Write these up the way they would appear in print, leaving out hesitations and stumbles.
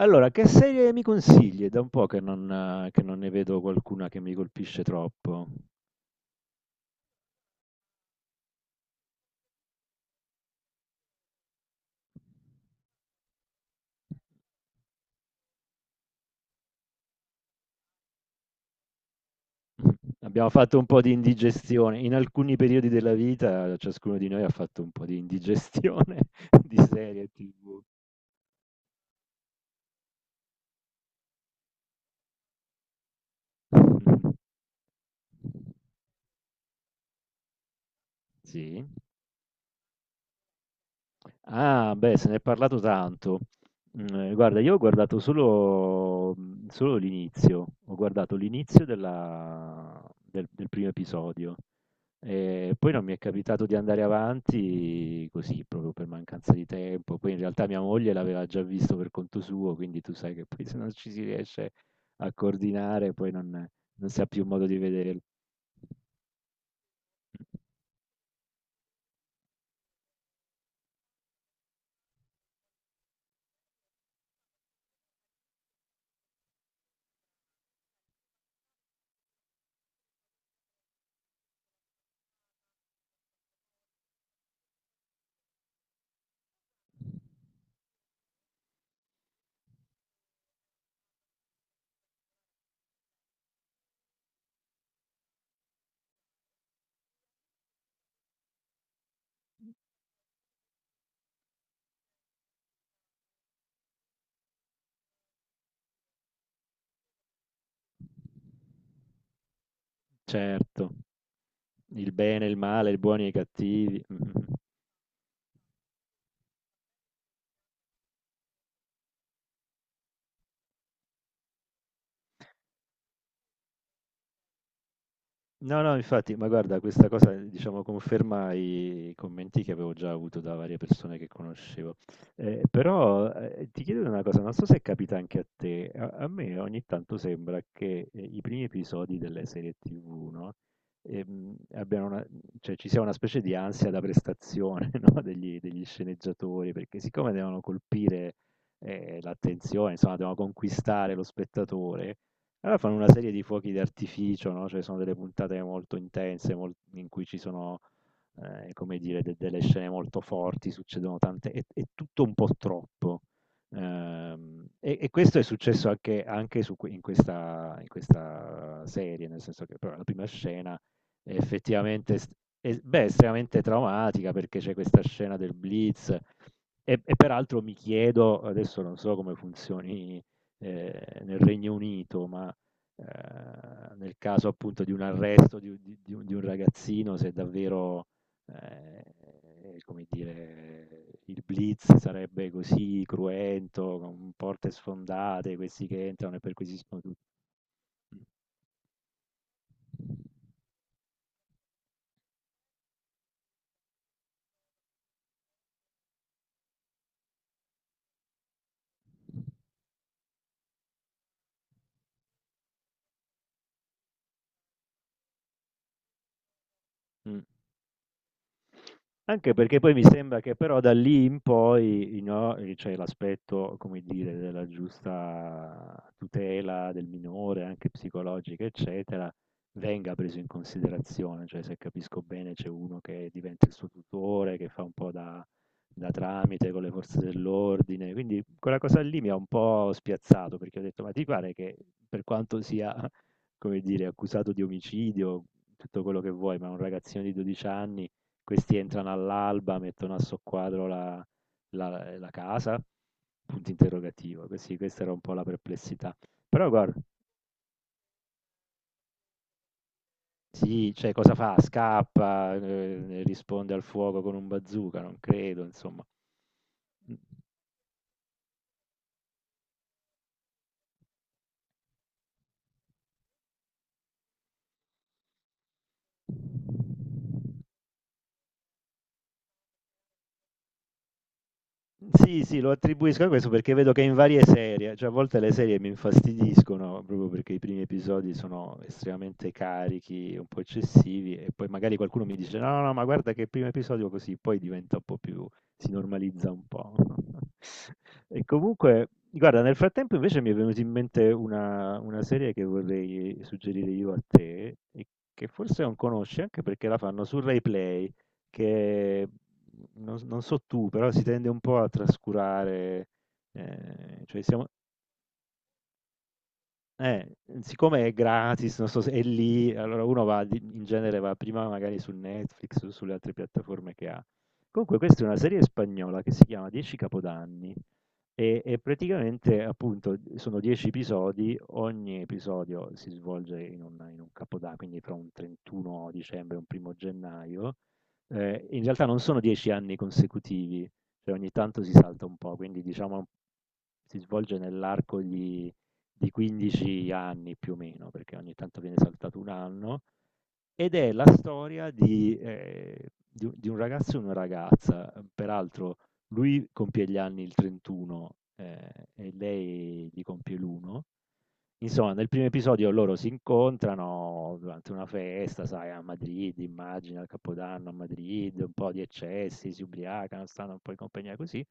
Allora, che serie mi consigli? È da un po' che non ne vedo qualcuna che mi colpisce troppo. Abbiamo fatto un po' di indigestione. In alcuni periodi della vita, ciascuno di noi ha fatto un po' di indigestione di serie TV. Sì. Ah, beh, se ne è parlato tanto. Guarda, io ho guardato solo, solo l'inizio. Ho guardato l'inizio del primo episodio. Poi non mi è capitato di andare avanti così, proprio per mancanza di tempo. Poi in realtà mia moglie l'aveva già visto per conto suo, quindi tu sai che poi se non ci si riesce a coordinare, poi non si ha più modo di vederlo. Certo, il bene, il male, i buoni e i cattivi. Mh-mh-mh. No, no, infatti, ma guarda, questa cosa, diciamo, conferma i commenti che avevo già avuto da varie persone che conoscevo. Però ti chiedo una cosa, non so se capita anche a te, a me ogni tanto sembra che i primi episodi delle serie TV, no? Abbiano una, cioè, ci sia una specie di ansia da prestazione, no? Degli sceneggiatori, perché siccome devono colpire l'attenzione, insomma, devono conquistare lo spettatore, allora fanno una serie di fuochi d'artificio, no? Cioè sono delle puntate molto intense, in cui ci sono, come dire, delle scene molto forti, succedono tante, è tutto un po' troppo. E questo è successo anche su in questa serie, nel senso che però, la prima scena è effettivamente, beh, estremamente traumatica perché c'è questa scena del blitz. E peraltro mi chiedo, adesso non so come funzioni nel Regno Unito, ma nel caso appunto di un arresto di u di un ragazzino, se davvero, come dire, il blitz sarebbe così cruento, con porte sfondate, questi che entrano e perquisiscono tutto. Mh. Mh. Anche perché poi mi sembra che però da lì in poi no, c'è l'aspetto, come dire, della giusta tutela del minore, anche psicologica, eccetera, venga preso in considerazione. Cioè, se capisco bene, c'è uno che diventa il suo tutore, che fa un po' da tramite con le forze dell'ordine. Quindi quella cosa lì mi ha un po' spiazzato, perché ho detto, ma ti pare che per quanto sia, come dire, accusato di omicidio, tutto quello che vuoi, ma un ragazzino di 12 anni questi entrano all'alba, mettono a soqquadro la casa? Punto interrogativo. Que sì, questa era un po' la perplessità. Però guarda, sì, cioè cosa fa? Scappa, risponde al fuoco con un bazooka? Non credo, insomma. Sì, sì, lo attribuisco a questo perché vedo che in varie serie, cioè a volte le serie mi infastidiscono proprio perché i primi episodi sono estremamente carichi, un po' eccessivi, e poi magari qualcuno mi dice no, no, no, ma guarda che il primo episodio così, poi diventa un po' più, si normalizza un po'. E comunque, guarda, nel frattempo invece mi è venuta in mente una serie che vorrei suggerire io a te e che forse non conosci anche perché la fanno su RaiPlay, che non so tu, però si tende un po' a trascurare. Cioè siamo eh, siccome è gratis, non so se è lì, allora uno va di in genere va prima magari su Netflix o sulle altre piattaforme che ha. Comunque questa è una serie spagnola che si chiama 10 capodanni. E praticamente, appunto, sono 10 episodi, ogni episodio si svolge in un capoda quindi fra un 31 dicembre e un 1º gennaio. In realtà non sono 10 anni consecutivi, cioè ogni tanto si salta un po', quindi diciamo si svolge nell'arco di 15 anni più o meno, perché ogni tanto viene saltato 1 anno, ed è la storia di u di un ragazzo e una ragazza, peraltro lui compie gli anni il 31, e lei li compie l'1. Insomma, nel primo episodio loro si incontrano durante una festa, sai, a Madrid, immagina, il Capodanno a Madrid, un po' di eccessi, si ubriacano, stanno un po' in compagnia così.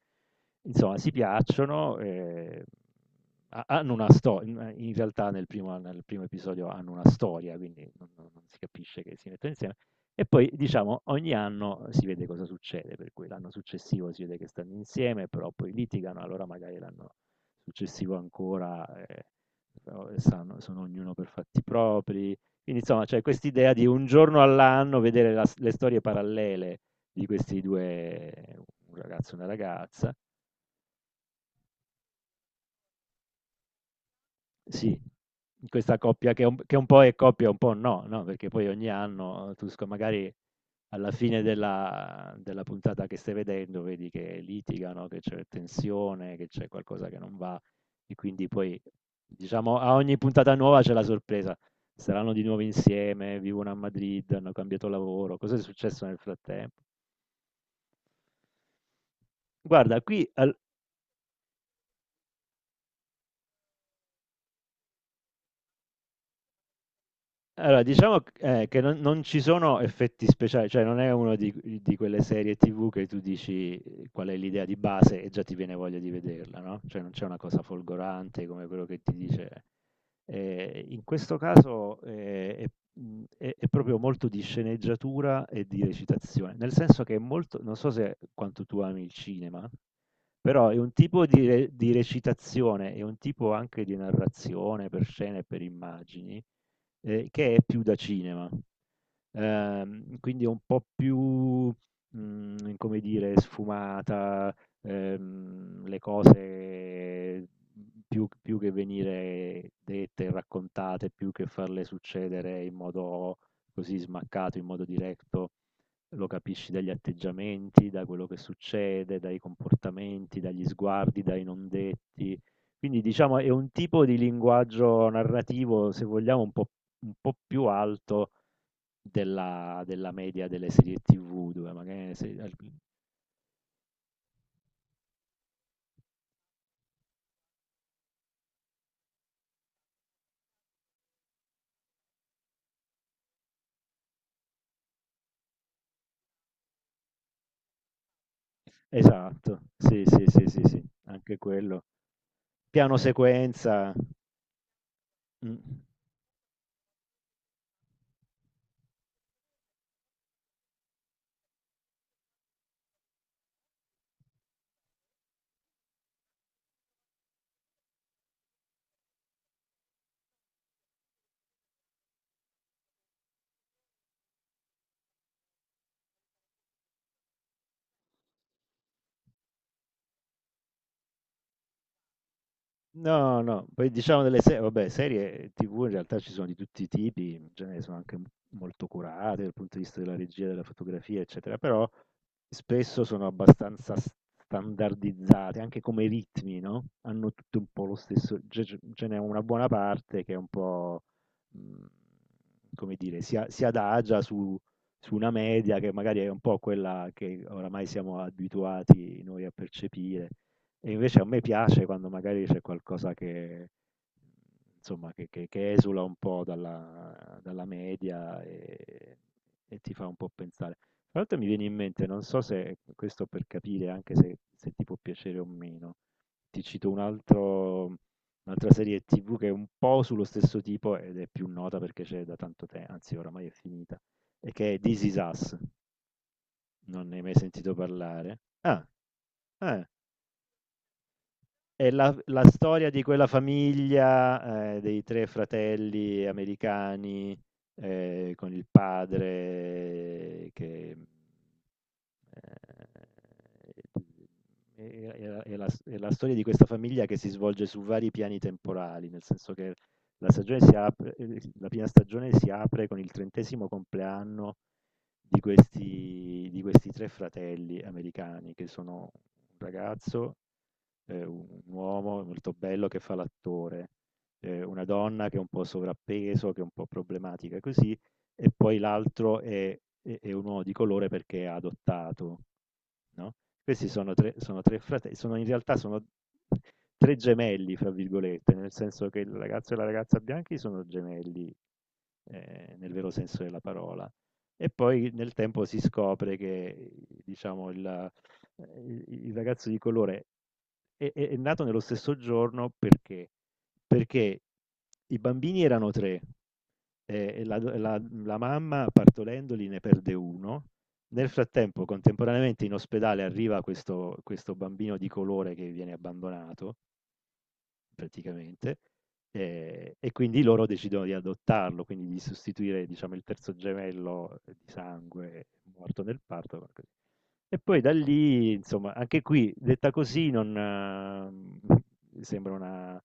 Insomma, si piacciono, ha hanno una sto in in realtà nel primo episodio hanno una storia, quindi non si capisce che si mettono insieme, e poi diciamo ogni anno si vede cosa succede, per cui l'anno successivo si vede che stanno insieme, però poi litigano, allora magari l'anno successivo ancora, però sanno sono ognuno per fatti propri. Quindi insomma c'è quest'idea di un giorno all'anno vedere la s le storie parallele di questi 2, un ragazzo e una ragazza. Sì, questa coppia che un po' è coppia e un po' no, no, perché poi ogni anno tu sc magari alla fine della puntata che stai vedendo vedi che litigano, che c'è tensione, che c'è qualcosa che non va, e quindi poi, diciamo, a ogni puntata nuova c'è la sorpresa. Saranno di nuovo insieme, vivono a Madrid, hanno cambiato lavoro, cos'è successo nel frattempo? Guarda qui al Allora, diciamo che non ci sono effetti speciali, cioè non è una di quelle serie TV che tu dici qual è l'idea di base e già ti viene voglia di vederla, no? Cioè non c'è una cosa folgorante come quello che ti dice. In questo caso è proprio molto di sceneggiatura e di recitazione, nel senso che è molto, non so se quanto tu ami il cinema, però è un tipo di recitazione, è un tipo anche di narrazione per scene e per immagini, che è più da cinema. Quindi è un po' più, come dire, sfumata, le cose più che venire dette e raccontate, più che farle succedere in modo così smaccato, in modo diretto, lo capisci dagli atteggiamenti, da quello che succede, dai comportamenti, dagli sguardi, dai non detti. Quindi diciamo è un tipo di linguaggio narrativo, se vogliamo, un po' più alto della media delle serie TV, dove magari se alc esatto, sì, sì, sì, sì, sì, anche quello. Piano sequenza. Mh. No, no, poi diciamo delle serie, vabbè, serie TV in realtà ci sono di tutti i tipi, in genere sono anche molto curate dal punto di vista della regia, della fotografia, eccetera, però spesso sono abbastanza standardizzate, anche come ritmi, no? Hanno tutte un po' lo stesso, ce n'è una buona parte che è un po', mh, come dire, si adagia su una media che magari è un po' quella che oramai siamo abituati noi a percepire. E invece a me piace quando magari c'è qualcosa che, insomma, che esula un po' dalla media, e ti fa un po' pensare. Tra l'altro mi viene in mente, non so se questo per capire anche se ti può piacere o meno, ti cito un'altra serie TV che è un po' sullo stesso tipo ed è più nota perché c'è da tanto tempo, anzi oramai è finita, e che è This Is Us, non ne hai mai sentito parlare? Ah, eh. È la storia di quella famiglia, dei 3 fratelli americani, con il padre che, è la storia di questa famiglia che si svolge su vari piani temporali, nel senso che la prima stagione si apre con il 30° compleanno di questi 3 fratelli americani che sono un ragazzo, un uomo molto bello che fa l'attore, una donna che è un po' sovrappeso, che è un po' problematica così, e poi l'altro è un uomo di colore perché è adottato, no? Questi sono tre fratelli, in realtà sono tre gemelli, fra virgolette, nel senso che il ragazzo e la ragazza bianchi sono gemelli, nel vero senso della parola. E poi nel tempo si scopre che, diciamo, il ragazzo di colore è nato nello stesso giorno perché? Perché i bambini erano 3, e la do la la mamma partorendoli ne perde 1. Nel frattempo, contemporaneamente in ospedale arriva questo bambino di colore che viene abbandonato, praticamente. E quindi loro decidono di adottarlo, quindi di sostituire, diciamo, il terzo gemello di sangue, morto nel parto, con que e poi da lì, insomma, anche qui detta così non sembra una,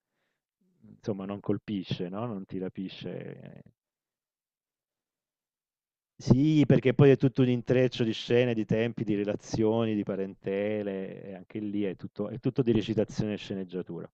insomma non colpisce, no, non ti rapisce. Sì, perché poi è tutto un intreccio di scene, di tempi, di relazioni, di parentele, e anche lì è tutto di recitazione e sceneggiatura.